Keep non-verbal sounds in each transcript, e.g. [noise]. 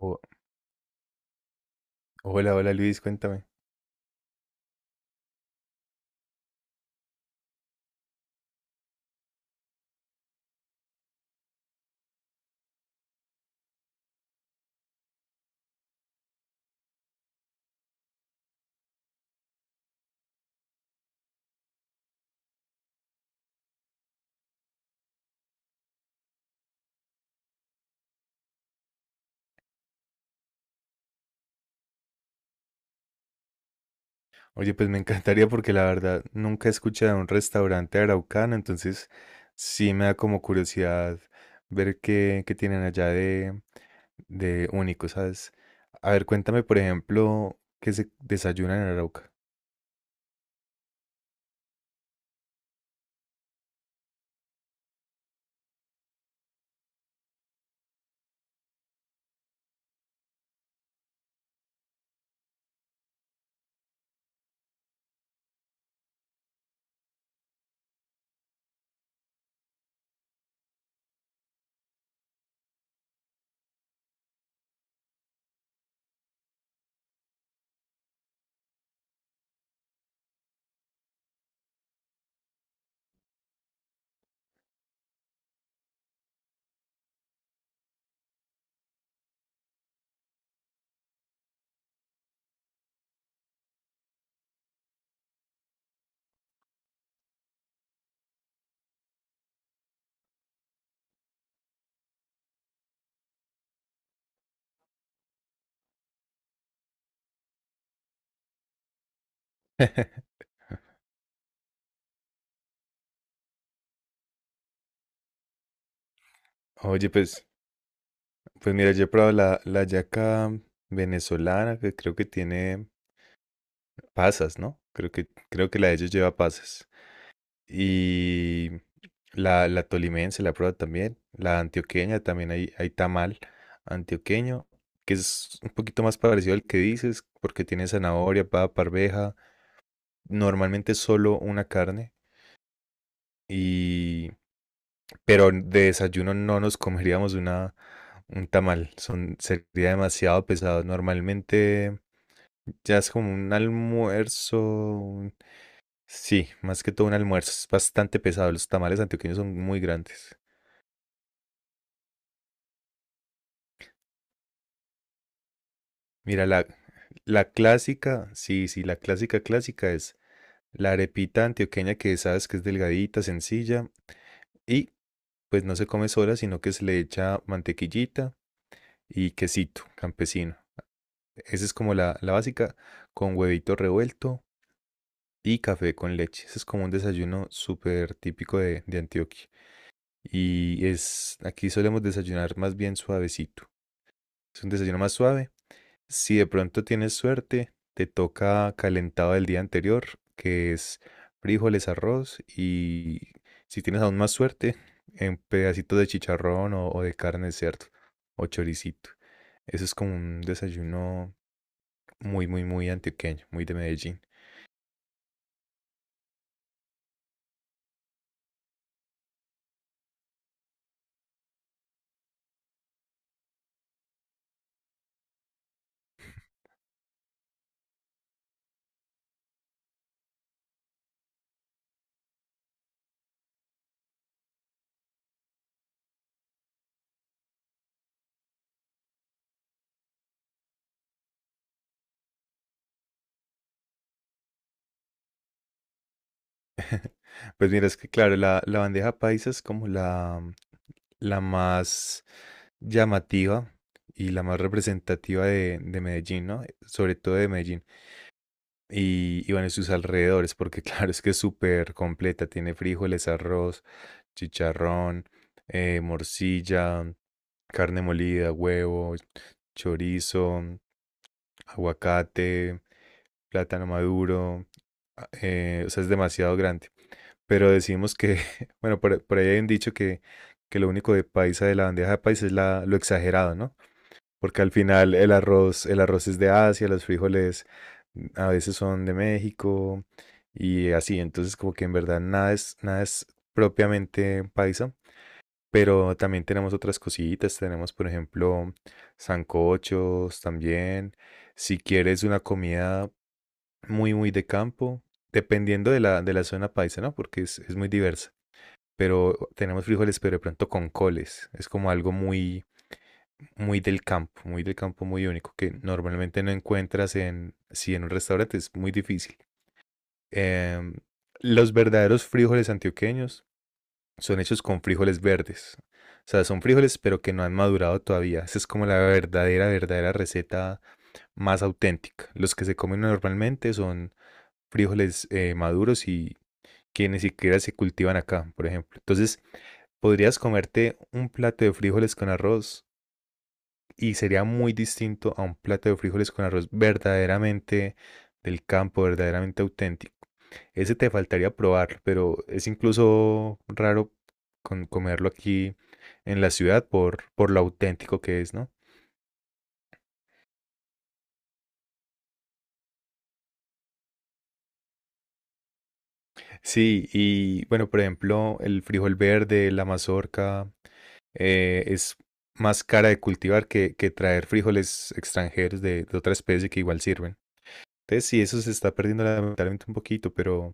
O- hola, Luis, cuéntame. Oye, pues me encantaría porque la verdad nunca he escuchado de un restaurante araucano, entonces sí me da como curiosidad ver qué, tienen allá de único, ¿sabes? A ver, cuéntame, por ejemplo, qué se desayunan en Arauca. [laughs] Oye, pues mira, yo he probado la, hallaca venezolana, que creo que tiene pasas, ¿no? Creo que la de ellos lleva pasas. Y la, tolimense, la prueba también. La antioqueña, también hay, tamal antioqueño, que es un poquito más parecido al que dices, porque tiene zanahoria, papa, arveja. Normalmente solo una carne. Y, pero de desayuno no nos comeríamos una, un tamal. Son, sería demasiado pesado. Normalmente ya es como un almuerzo. Sí, más que todo un almuerzo. Es bastante pesado. Los tamales antioqueños son muy grandes. Mira, la clásica, sí, sí, la clásica clásica es la arepita antioqueña que sabes que es delgadita, sencilla y pues no se come sola, sino que se le echa mantequillita y quesito campesino. Esa es como la básica, con huevito revuelto y café con leche. Ese es como un desayuno súper típico de Antioquia. Y es, aquí solemos desayunar más bien suavecito. Es un desayuno más suave. Si de pronto tienes suerte, te toca calentado del día anterior, que es frijoles, arroz y si tienes aún más suerte, en pedacitos de chicharrón o de carne de cerdo o choricito. Eso es como un desayuno muy, muy, muy antioqueño, muy de Medellín. Pues mira, es que claro, la bandeja paisa es como la más llamativa y la más representativa de Medellín, ¿no? Sobre todo de Medellín. Y bueno, y sus alrededores, porque [laughs] claro, es que es súper completa. Tiene frijoles, arroz, chicharrón, morcilla, carne molida, huevo, chorizo, aguacate, plátano maduro. O sea, es demasiado grande. Pero decimos que, [laughs] bueno, por ahí hay un dicho que lo único de paisa de la bandeja de paisa es la, lo exagerado, ¿no? Porque al final el arroz es de Asia, los frijoles a veces son de México y así, entonces como que en verdad nada es, nada es propiamente paisa, pero también tenemos otras cositas, tenemos por ejemplo sancochos también, si quieres una comida muy muy de campo, dependiendo de la zona paisa, ¿no? Porque es muy diversa, pero tenemos frijoles, pero de pronto con coles, es como algo muy muy del campo, muy del campo, muy único, que normalmente no encuentras en, si en un restaurante es muy difícil. Em, los verdaderos frijoles antioqueños son hechos con frijoles verdes. O sea, son frijoles pero que no han madurado todavía. Esa es como la verdadera, verdadera receta más auténtica. Los que se comen normalmente son frijoles maduros y que ni siquiera se cultivan acá, por ejemplo. Entonces, podrías comerte un plato de frijoles con arroz y sería muy distinto a un plato de frijoles con arroz verdaderamente del campo, verdaderamente auténtico. Ese te faltaría probar, pero es incluso raro comerlo aquí en la ciudad por lo auténtico que es, ¿no? Sí, y bueno, por ejemplo, el frijol verde, la mazorca, es más cara de cultivar que traer frijoles extranjeros de otra especie que igual sirven. Entonces, sí, eso se está perdiendo lamentablemente un poquito, pero...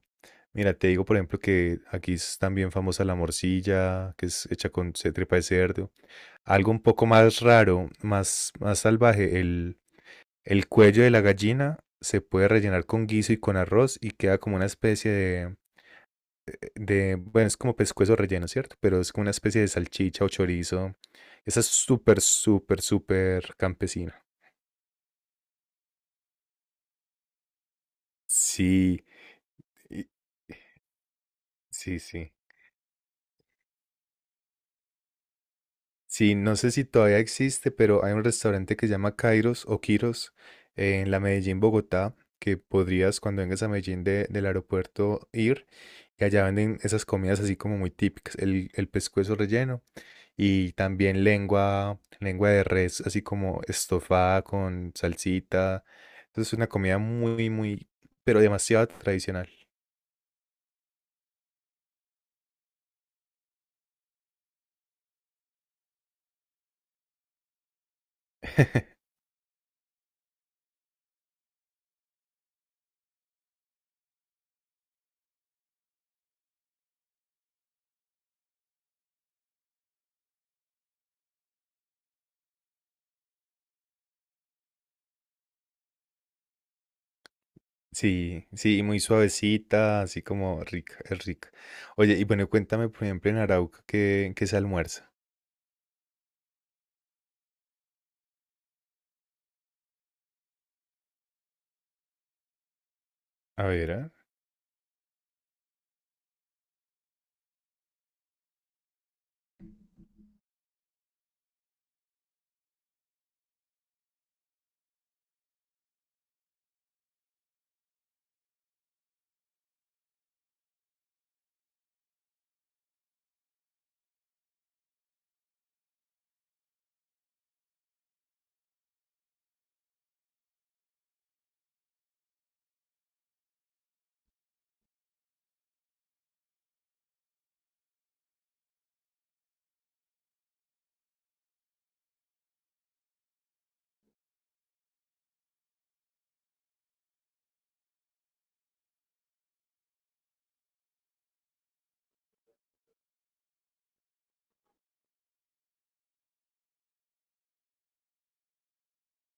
Mira, te digo, por ejemplo, que aquí es también famosa la morcilla, que es hecha con tripa de cerdo. Algo un poco más raro, más, más salvaje, el cuello de la gallina se puede rellenar con guiso y con arroz y queda como una especie de, bueno, es como pescuezo relleno, ¿cierto? Pero es como una especie de salchicha o chorizo. Esa es súper, súper, súper campesina. Sí, y- sí, sí. Sí, no sé si todavía existe, pero hay un restaurante que se llama Kairos o Kiros en la Medellín, Bogotá, que podrías cuando vengas a Medellín del aeropuerto ir y allá venden esas comidas así como muy típicas, el pescuezo relleno y también lengua, lengua de res así como estofada con salsita. Entonces es una comida muy, muy, pero demasiado tradicional. [laughs] Sí, sí, muy suavecita, así como rica, es rica. Oye, y bueno, cuéntame, por ejemplo, en Arauca, ¿qué, qué se almuerza? A ver, ¿ah?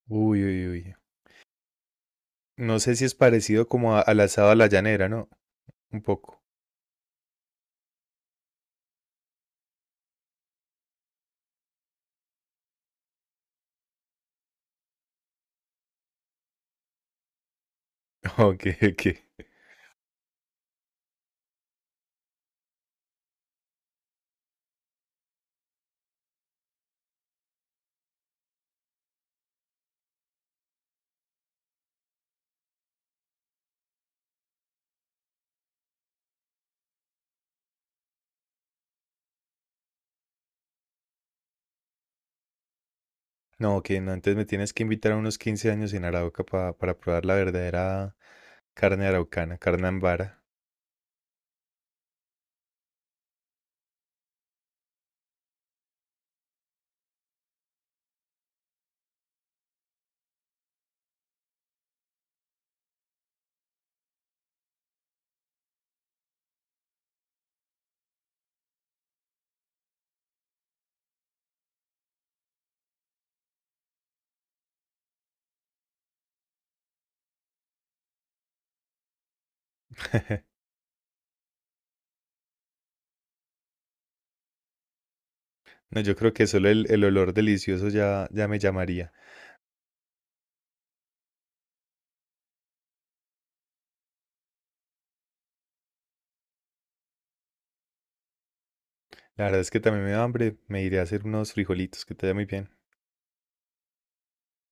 Uy, uy, uy. No sé si es parecido como al asado a la llanera, ¿no? Un poco. [laughs] Ok, ok. No, ok, no, entonces me tienes que invitar a unos 15 años en Arauca para probar la verdadera carne araucana, carne ambara. [laughs] No, yo creo que solo el olor delicioso ya, ya me llamaría. La verdad es que también me da hambre, me iré a hacer unos frijolitos, que te vaya muy bien.